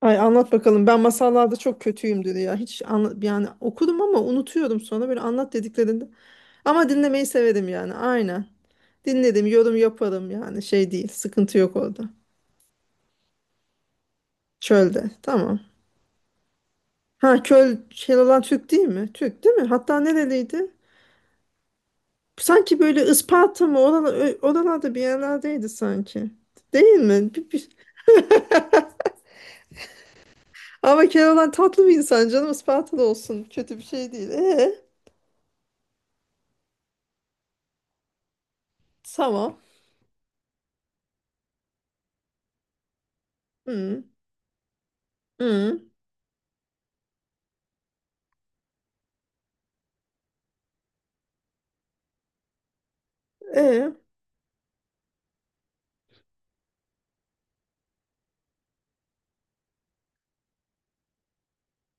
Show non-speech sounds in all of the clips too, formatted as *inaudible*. Ay anlat bakalım. Ben masallarda çok kötüyümdür ya. Hiç yani okudum ama unutuyorum sonra böyle anlat dediklerinde. Ama dinlemeyi severim yani. Aynen. Dinledim, yorum yaparım yani şey değil. Sıkıntı yok orada. Çölde. Tamam. Ha köl şey olan Türk değil mi? Türk değil mi? Hatta nereliydi? Sanki böyle Isparta mı? Oralar, oralarda bir yerlerdeydi sanki. Değil mi? Ama Keloğlan tatlı bir insan, canım Isparta'da olsun. Kötü bir şey değil. E, tamam. Hı. Hı. E,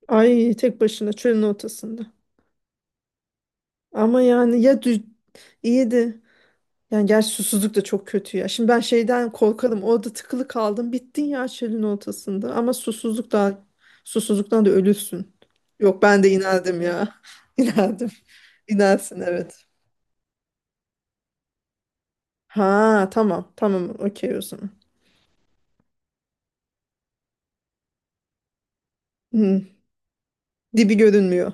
ay tek başına çölün ortasında. Ama yani iyiydi. Yani gerçi susuzluk da çok kötü ya. Şimdi ben şeyden korkarım. Orada tıkılı kaldım. Bittin ya çölün ortasında. Ama susuzluk da susuzluktan da ölürsün. Yok, ben de inerdim ya. *laughs* İnerdim. İnersin, evet. Ha, tamam. Tamam, okey o zaman. Hı. Dibi görünmüyor.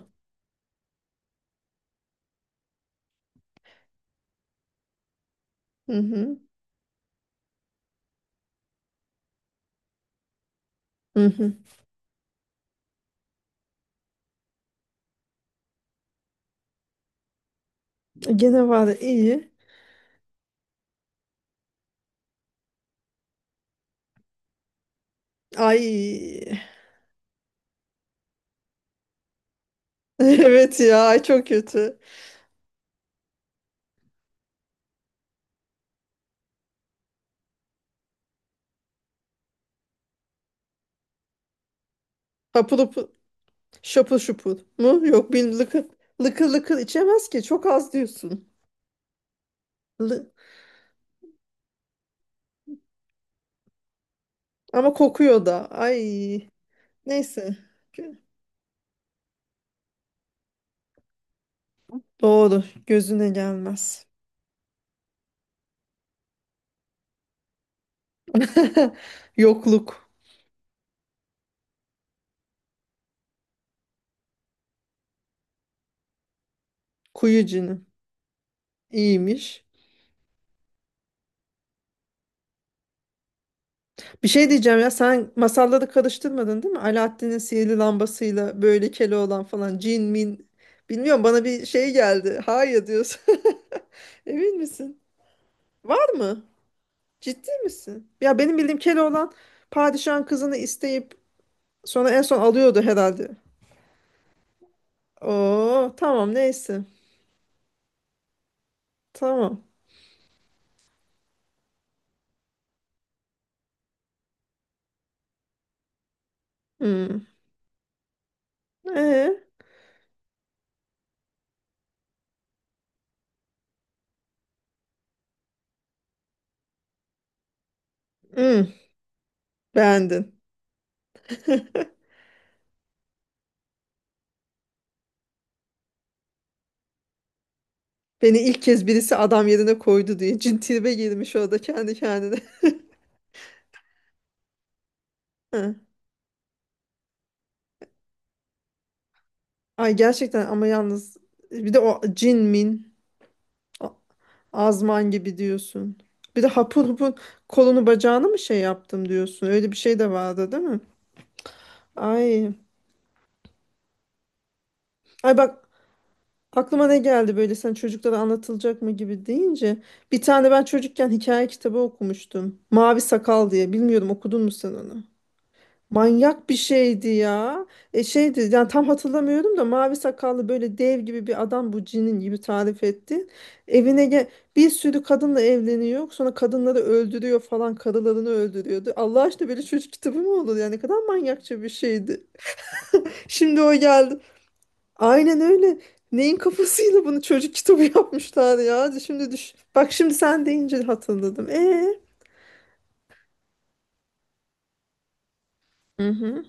Hı hı. Hı hı. E, gene var, iyi. Ay. *laughs* Evet ya, ay çok kötü. Hapur hapur. Şapıl şupul mu? Yok, bir lıkır lıkır lıkır içemez ki. Çok az diyorsun. Lı- Ama kokuyor da. Ay. Neyse. Gö- Doğru. Gözüne gelmez. *laughs* Yokluk. Kuyu cini. İyiymiş. Bir şey diyeceğim ya, sen masalları karıştırmadın değil mi? Alaaddin'in sihirli lambasıyla böyle Keloğlan falan, cin min bilmiyorum, bana bir şey geldi. Hayır diyorsun. *laughs* Emin misin? Var mı? Ciddi misin? Ya benim bildiğim Keloğlan padişahın kızını isteyip sonra en son alıyordu herhalde. Oo, tamam, neyse. Tamam. Hmm. Ee, hmm. Beğendin. *laughs* Beni ilk kez birisi adam yerine koydu diye cin tribe girmiş orada kendi kendine. *laughs* Hı. Ay gerçekten, ama yalnız bir de o cin min a- azman gibi diyorsun. Bir de hapur hapur kolunu bacağını mı şey yaptım diyorsun. Öyle bir şey de vardı değil mi? Ay. Ay bak, aklıma ne geldi böyle sen çocuklara anlatılacak mı gibi deyince. Bir tane ben çocukken hikaye kitabı okumuştum. Mavi Sakal diye. Bilmiyorum, okudun mu sen onu? Manyak bir şeydi ya. E, şeydi yani, tam hatırlamıyorum da mavi sakallı böyle dev gibi bir adam, bu cinin gibi tarif etti. Evine bir sürü kadınla evleniyor. Sonra kadınları öldürüyor falan, karılarını öldürüyordu. Allah aşkına böyle çocuk kitabı mı olur ya, ne kadar manyakça bir şeydi. *laughs* Şimdi o geldi. Aynen öyle. Neyin kafasıyla bunu çocuk kitabı *laughs* yapmışlar ya. Şimdi düş. Bak, şimdi sen deyince hatırladım. E. Hı hı.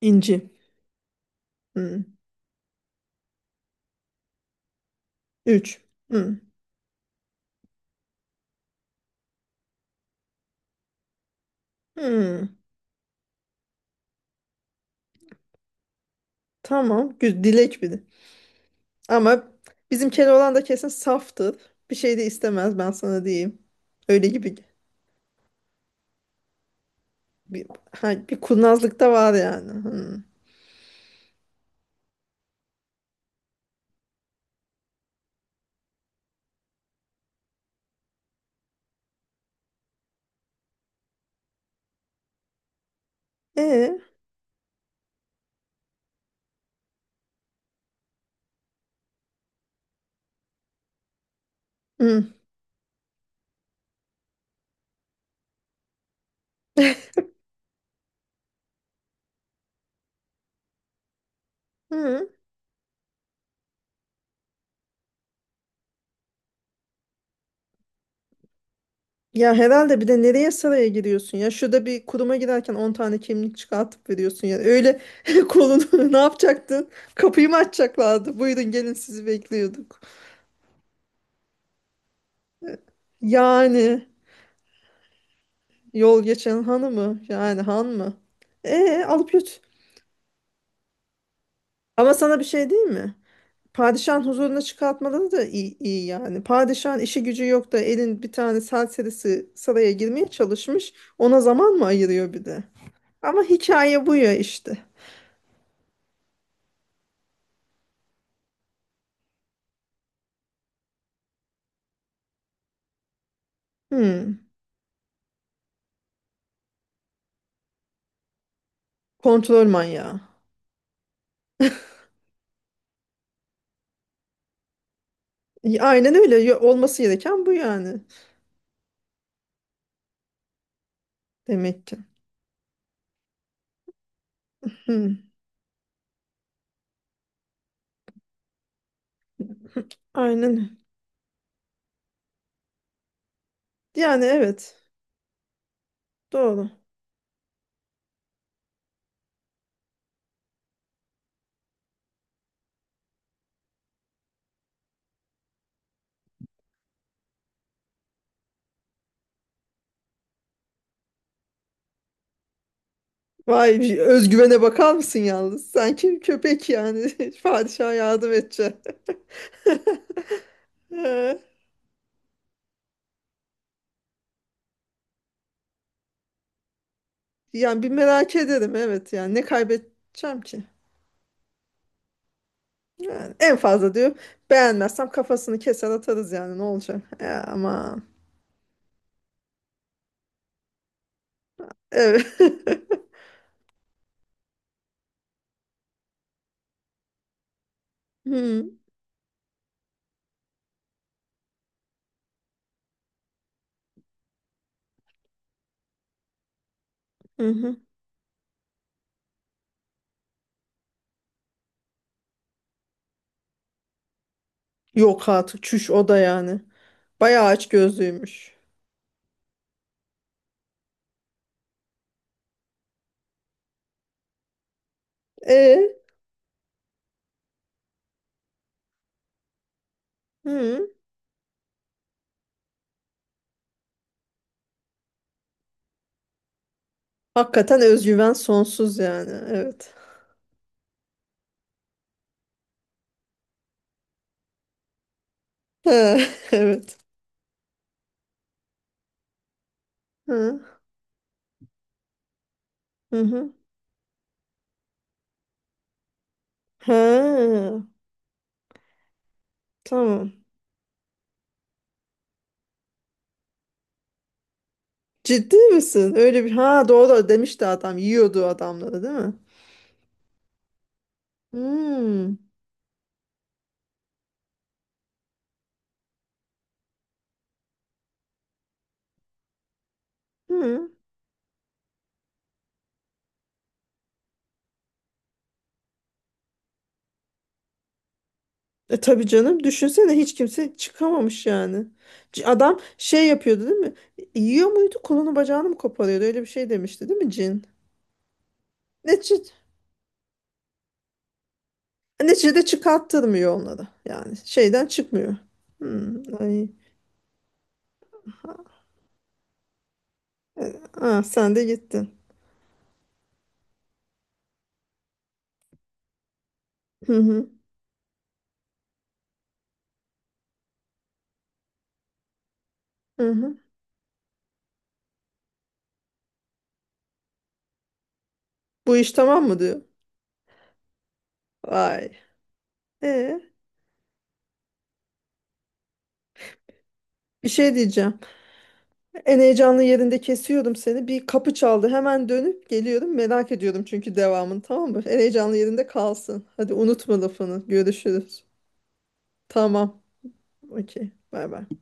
İnci. Hı. Üç. Hı. Hı. Tamam. Dilek bir de. Ama bizim Keloğlan da kesin saftır. Bir şey de istemez, ben sana diyeyim. Öyle gibi bir, ha, bir kurnazlık da var yani. Hı. E. Hı. Hı. Ya herhalde, bir de nereye saraya giriyorsun ya? Şurada bir kuruma girerken 10 tane kimlik çıkartıp veriyorsun yani. Öyle *laughs* kolunu *laughs* ne yapacaktın? Kapıyı mı açacaklardı? Buyurun gelin, sizi bekliyorduk. Yani yol geçen hanı mı? Yani han mı? E, alıp götür. Ama sana bir şey değil mi? Padişahın huzuruna çıkartmaları da iyi, iyi yani. Padişahın işi gücü yok da elin bir tane serserisi saraya girmeye çalışmış. Ona zaman mı ayırıyor bir de? Ama hikaye bu ya işte. Hmm. Kontrol manyağı. *laughs* Aynen öyle. Olması gereken bu yani. Demek ki. Hmm. Aynen. Yani evet. Doğru. Vay, bir özgüvene bakar mısın yalnız? Sanki köpek yani. *laughs* Padişah yardım edecek. *laughs* Ee, yani bir merak ederim, evet, yani ne kaybedeceğim ki? Yani en fazla diyor, beğenmezsem kafasını keser atarız, yani ne olacak? E, ama evet. *laughs* Hmm, hı hı. Yok artık, çüş o da yani. Bayağı aç gözlüymüş. E, hı. Hakikaten özgüven sonsuz yani. Evet. *laughs* He, evet. Hı, hı hı. Ha, tamam. Ciddi misin? Öyle bir, ha, doğru demişti adam. Yiyordu adamları değil mi? Hmm. Hı. E tabii canım, düşünsene hiç kimse çıkamamış yani. Adam şey yapıyordu değil mi? Yiyor muydu? Kolunu bacağını mı koparıyordu? Öyle bir şey demişti değil mi cin? Ne Neticede çıkarttırmıyor onları. Yani şeyden çıkmıyor. Hmm, ay. Ah, sen de gittin. Hı hı, hı hı. Bu iş tamam mı diyor. Ay. E, bir şey diyeceğim. En heyecanlı yerinde kesiyordum seni. Bir kapı çaldı. Hemen dönüp geliyorum. Merak ediyordum çünkü devamını, tamam mı? En heyecanlı yerinde kalsın. Hadi, unutma lafını. Görüşürüz. Tamam. Okey. Bay bay.